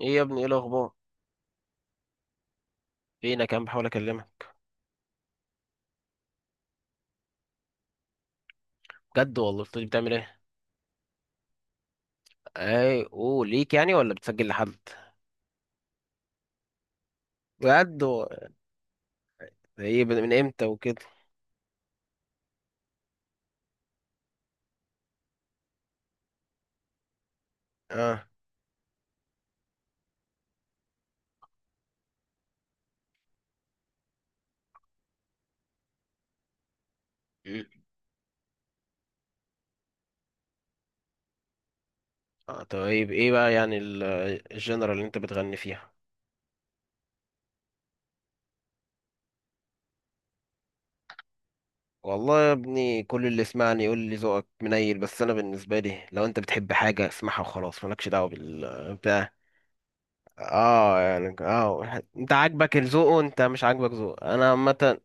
ايه يا ابني، ايه الاخبار؟ فينك يا عم؟ بحاول اكلمك. بجد والله؟ بتقولي بتعمل ايه؟ اي اوه ليك يعني ولا بتسجل لحد؟ بجد ايه؟ من امتى وكده؟ اه. مم. اه، طيب ايه بقى يعني الجنرال اللي انت بتغني فيها؟ والله يا ابني، كل اللي سمعني يقول لي ذوقك منيل، بس انا بالنسبه لي لو انت بتحب حاجه اسمعها وخلاص، مالكش دعوه بال بتاع. اه يعني اه، انت عاجبك الذوق وانت مش عاجبك ذوق انا عامه.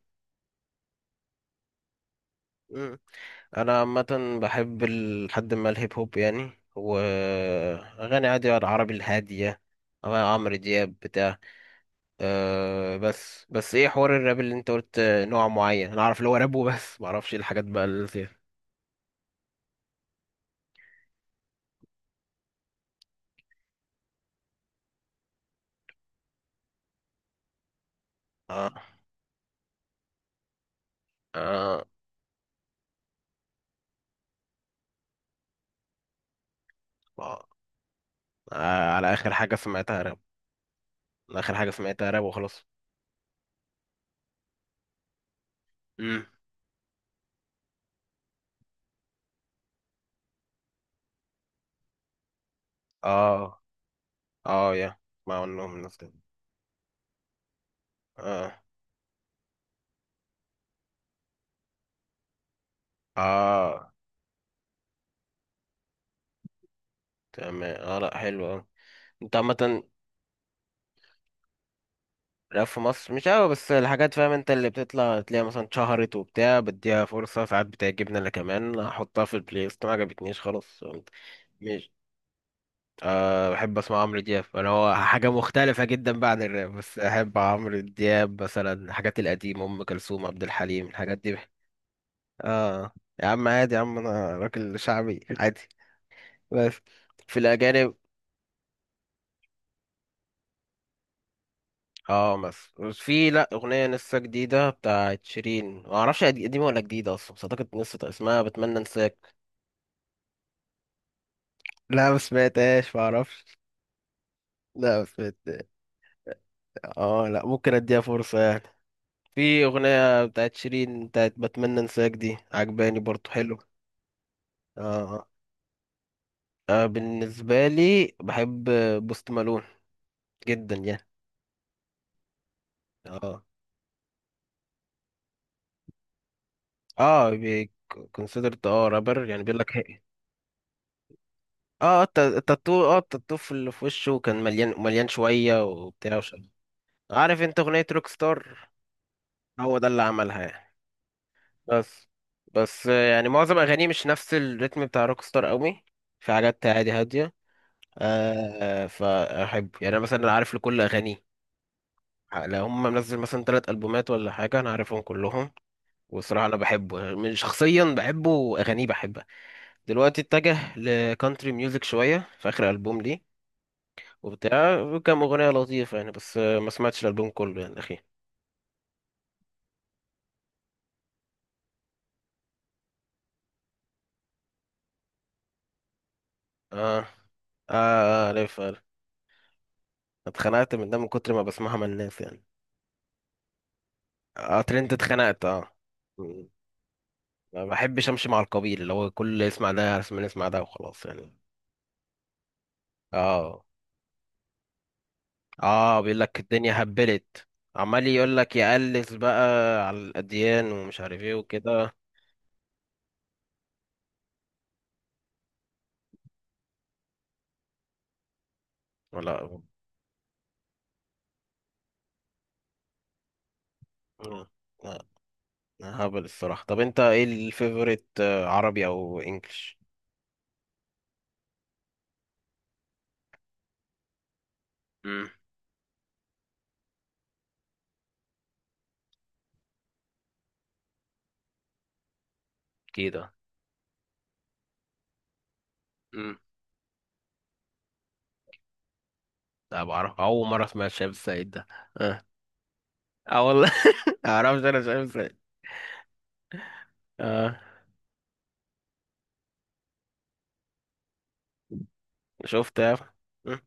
انا عامه بحب لحد ما الهيب هوب يعني، واغاني عادي العربي الهاديه، أو عمرو دياب بتاع. أه، بس ايه حوار الراب اللي انت قلت نوع معين؟ انا اعرف اللي هو راب وبس، ما اعرفش إيه الحاجات بقى اللي فيها. اه. اه. آه. على اخر حاجه سمعتها راب. اخر حاجه سمعتها راب وخلاص. امم. اه. اه يا ما انهم الناس كده. اه. اه. تمام، اه، لا حلو أوي. انت عامه؟ لا، في مصر مش قوي، بس الحاجات فاهم انت اللي بتطلع تلاقيها مثلا اتشهرت وبتاع بديها فرصة، ساعات بتعجبني انا كمان احطها في البلاي ليست، ما عجبتنيش خلاص مش. أه، بحب اسمع عمرو دياب انا، هو حاجة مختلفة جدا بقى عن الراب، بس احب عمرو دياب مثلا، الحاجات القديمة، ام كلثوم، عبد الحليم، الحاجات دي. اه يا عم، عادي يا عم، انا راجل شعبي عادي. بس في الاجانب، اه مثلا في لا اغنيه لسه جديده بتاعت شيرين، ما اعرفش قديمه ولا جديده اصلا، بس اعتقد لسه اسمها بتمنى انساك. لا، ما سمعتهاش، ما اعرفش. لا، ما سمعت. اه لا، ممكن اديها فرصه يعني. في اغنيه بتاعت شيرين، بتاعت بتمنى انساك، دي عجباني برضو، حلو. اه. اه. بالنسبه لي بحب بوست مالون جدا يعني. اه. اه، كونسيدرت اه رابر يعني، بيقول لك. اه، التاتو، اه التاتو في في وشه كان مليان، مليان شوية وبتاع وشبه. عارف انت اغنية روك ستار؟ هو ده اللي عملها يعني. بس، يعني معظم اغانيه مش نفس الريتم بتاع روك ستار قوي. في حاجات عادي هادية. آه، فاحب يعني، انا مثلا عارف لكل اغانيه. لو هم منزل مثلا ثلاث البومات ولا حاجة، انا عارفهم كلهم. والصراحة انا بحبه من شخصيا بحبه، واغانيه بحبها. دلوقتي اتجه لكانتري ميوزك شوية في اخر البوم ليه، وبتاع. كام أغنية لطيفة يعني، بس ما سمعتش الألبوم كله يعني أخي. اه. اه، عارف عارف. اتخنقت من ده من كتر ما بسمعها من الناس يعني. اه، ترند، اتخنقت اه. مم. ما بحبش امشي مع القبيل اللي هو كل اللي يسمع ده اسمع، يسمع ده وخلاص يعني. اه. اه. بيقول لك الدنيا هبلت. عمال يقول لك يقلس بقى على الاديان، ومش عارف ايه وكده. ولا. لا. لا، هبل الصراحة. طب انت ايه الفيفوريت عربي او انجلش؟ امم. كده. امم. لا، بعرف اول مره اسمع الشايب السعيد ده. اه. اه والله. معرفش انا الشايب السعيد. اه. شفت يا أخي. مم.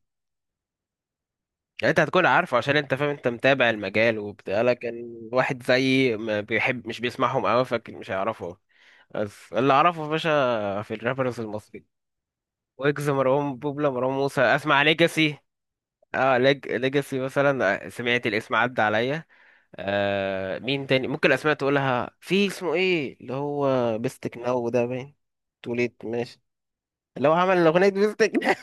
يعني انت هتكون عارفه عشان انت فاهم، انت متابع المجال وبتاع، لكن واحد زيي ما بيحب مش بيسمعهم قوي، فاكر مش هيعرفه. بس اللي اعرفه يا باشا في الرابرز المصري، ويجز، مروان بوبلا، مروان موسى. اسمع ليجاسي. اه ليجاسي مثلا، سمعت الاسم عدى عليا. آه، مين تاني ممكن الاسماء تقولها؟ في اسمه ايه اللي هو بيستك ناو ده باين. توليت، ماشي. اللي هو عمل الاغنيه دي بيستك ناو.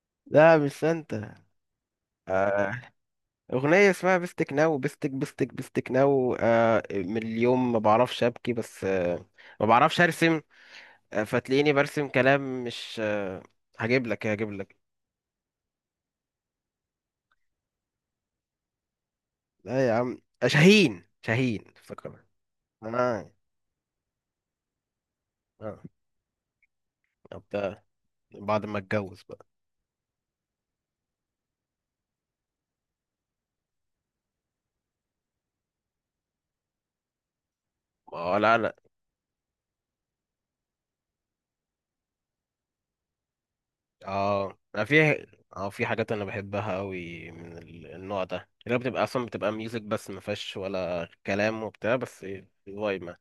لا مش سانتا. آه، اغنيه اسمها بيستك ناو، بيستك بيستك بيستك ناو آه، من اليوم ما بعرفش ابكي بس آه، ما بعرفش ارسم، آه فتلاقيني برسم كلام مش آه. هجيب لك هجيب لك. لا يا عم، شاهين، شاهين افتكرت. اه. اه. طب ده بعد ما اتجوز بقى. ما لا. اه، أنا في. اه، في حاجات انا بحبها قوي من النوع ده، اللي هي بتبقى اصلا بتبقى ميوزك بس، ما فيهاش ولا كلام وبتاع بس. فايبه.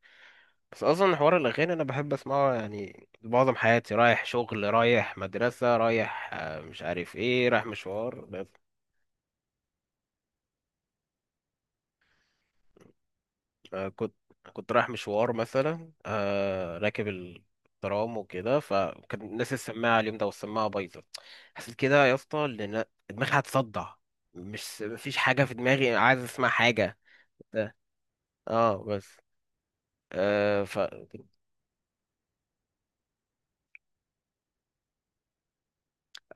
بس اصلا حوار الاغاني انا بحب اسمعه يعني، معظم حياتي رايح شغل، رايح مدرسه، رايح مش عارف ايه، رايح مشوار. آه، كنت كنت رايح مشوار مثلا، راكب الترام وكده، فكان الناس السماعه اليوم ده، والسماعه بايظه. حسيت كده يا اسطى ان دماغي هتصدع. مش، مفيش حاجه في دماغي، عايز اسمع حاجه. ده. اه بس. آه ف.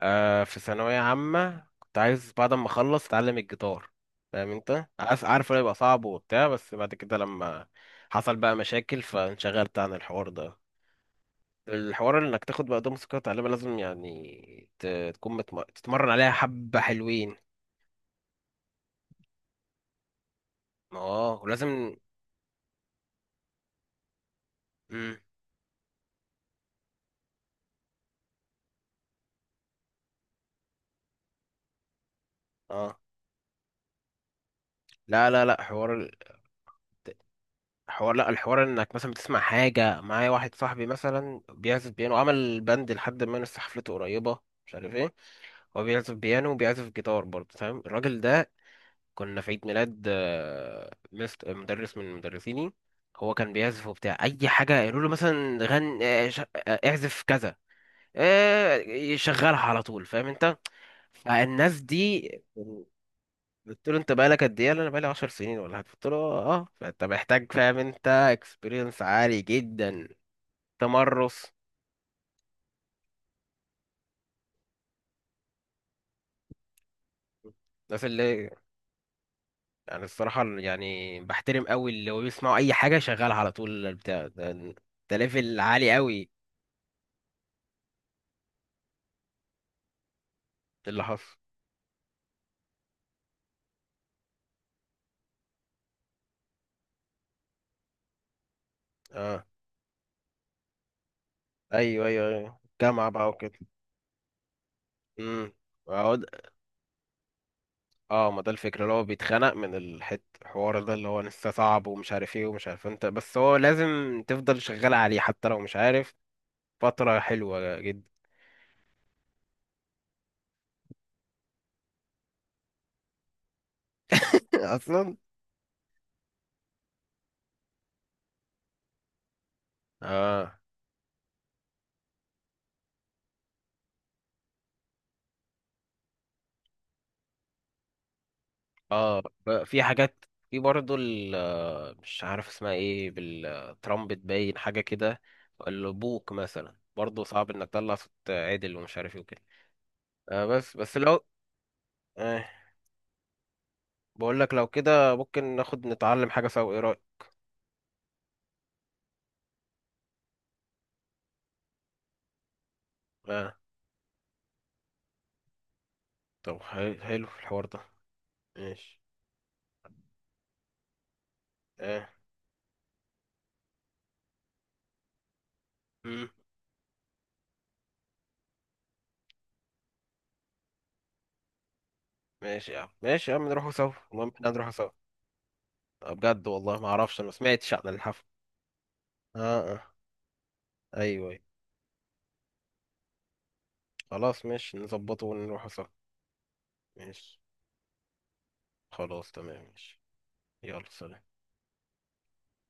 آه، في ثانويه عامه كنت عايز بعد ما اخلص اتعلم الجيتار، فاهم انت؟ عارف انه يبقى صعب وبتاع، بس بعد كده لما حصل بقى مشاكل فانشغلت عن الحوار ده. الحوار انك تاخد بقى دوم سكوت غالبا، لازم يعني تكون تتمرن عليها حبة حلوين. اه، ولازم. مم. اه. لا حوار حوار. لا، الحوار انك مثلا بتسمع حاجة. معايا واحد صاحبي مثلا بيعزف بيانو، عمل باند لحد ما لسه حفلته قريبة، مش عارف ايه. هو بيعزف بيانو وبيعزف جيتار برضه، فاهم الراجل ده. كنا في عيد ميلاد مدرس من مدرسيني. هو كان بيعزف وبتاع اي حاجة يقولوا له، مثلا غن اعزف كذا، يشغلها على طول، فاهم انت؟ فالناس دي، قلت له انت بقالك قد ايه؟ قال لي انا بقالي 10 سنين ولا حاجه. قلت له اه آه. فانت محتاج فاهم انت، اكسبيرينس عالي جدا، تمرس. الناس اللي يعني، الصراحه يعني بحترم قوي اللي هو بيسمعوا اي حاجه شغالها على طول البتاع ده، ده ليفل عالي قوي. اللي حصل. اه، ايوه ايوه ايوه، جامعه بقى وكده. امم. اه ما ده الفكرة، اللي هو بيتخنق من الحوار ده اللي هو لسه صعب، ومش عارف ايه ومش عارف انت، بس هو لازم تفضل شغال عليه حتى لو مش عارف. فترة حلوة جدا. اصلا. اه. اه في حاجات. في برضه مش عارف اسمها ايه، بالترامبت باين حاجة كده. البوق مثلا برضه صعب انك تطلع صوت عدل ومش عارف ايه وكده. آه، بس لو. آه، بقول لك لو كده ممكن ناخد نتعلم حاجة سوا، ايه رأيك؟ اه، طب حلو، حلو الحوار ده، ماشي. ايه؟ مم. ماشي يا عم، ماشي يا عم، نروحوا سوا، المهم احنا هنروحوا سوا. بجد والله ما اعرفش، انا ما سمعتش عن الحفل. اه. اه. ايوه ايوه. خلاص ماشي، نظبطه ونروحوا سوا. ماشي، خلاص، تمام، ماشي. يلا سلام.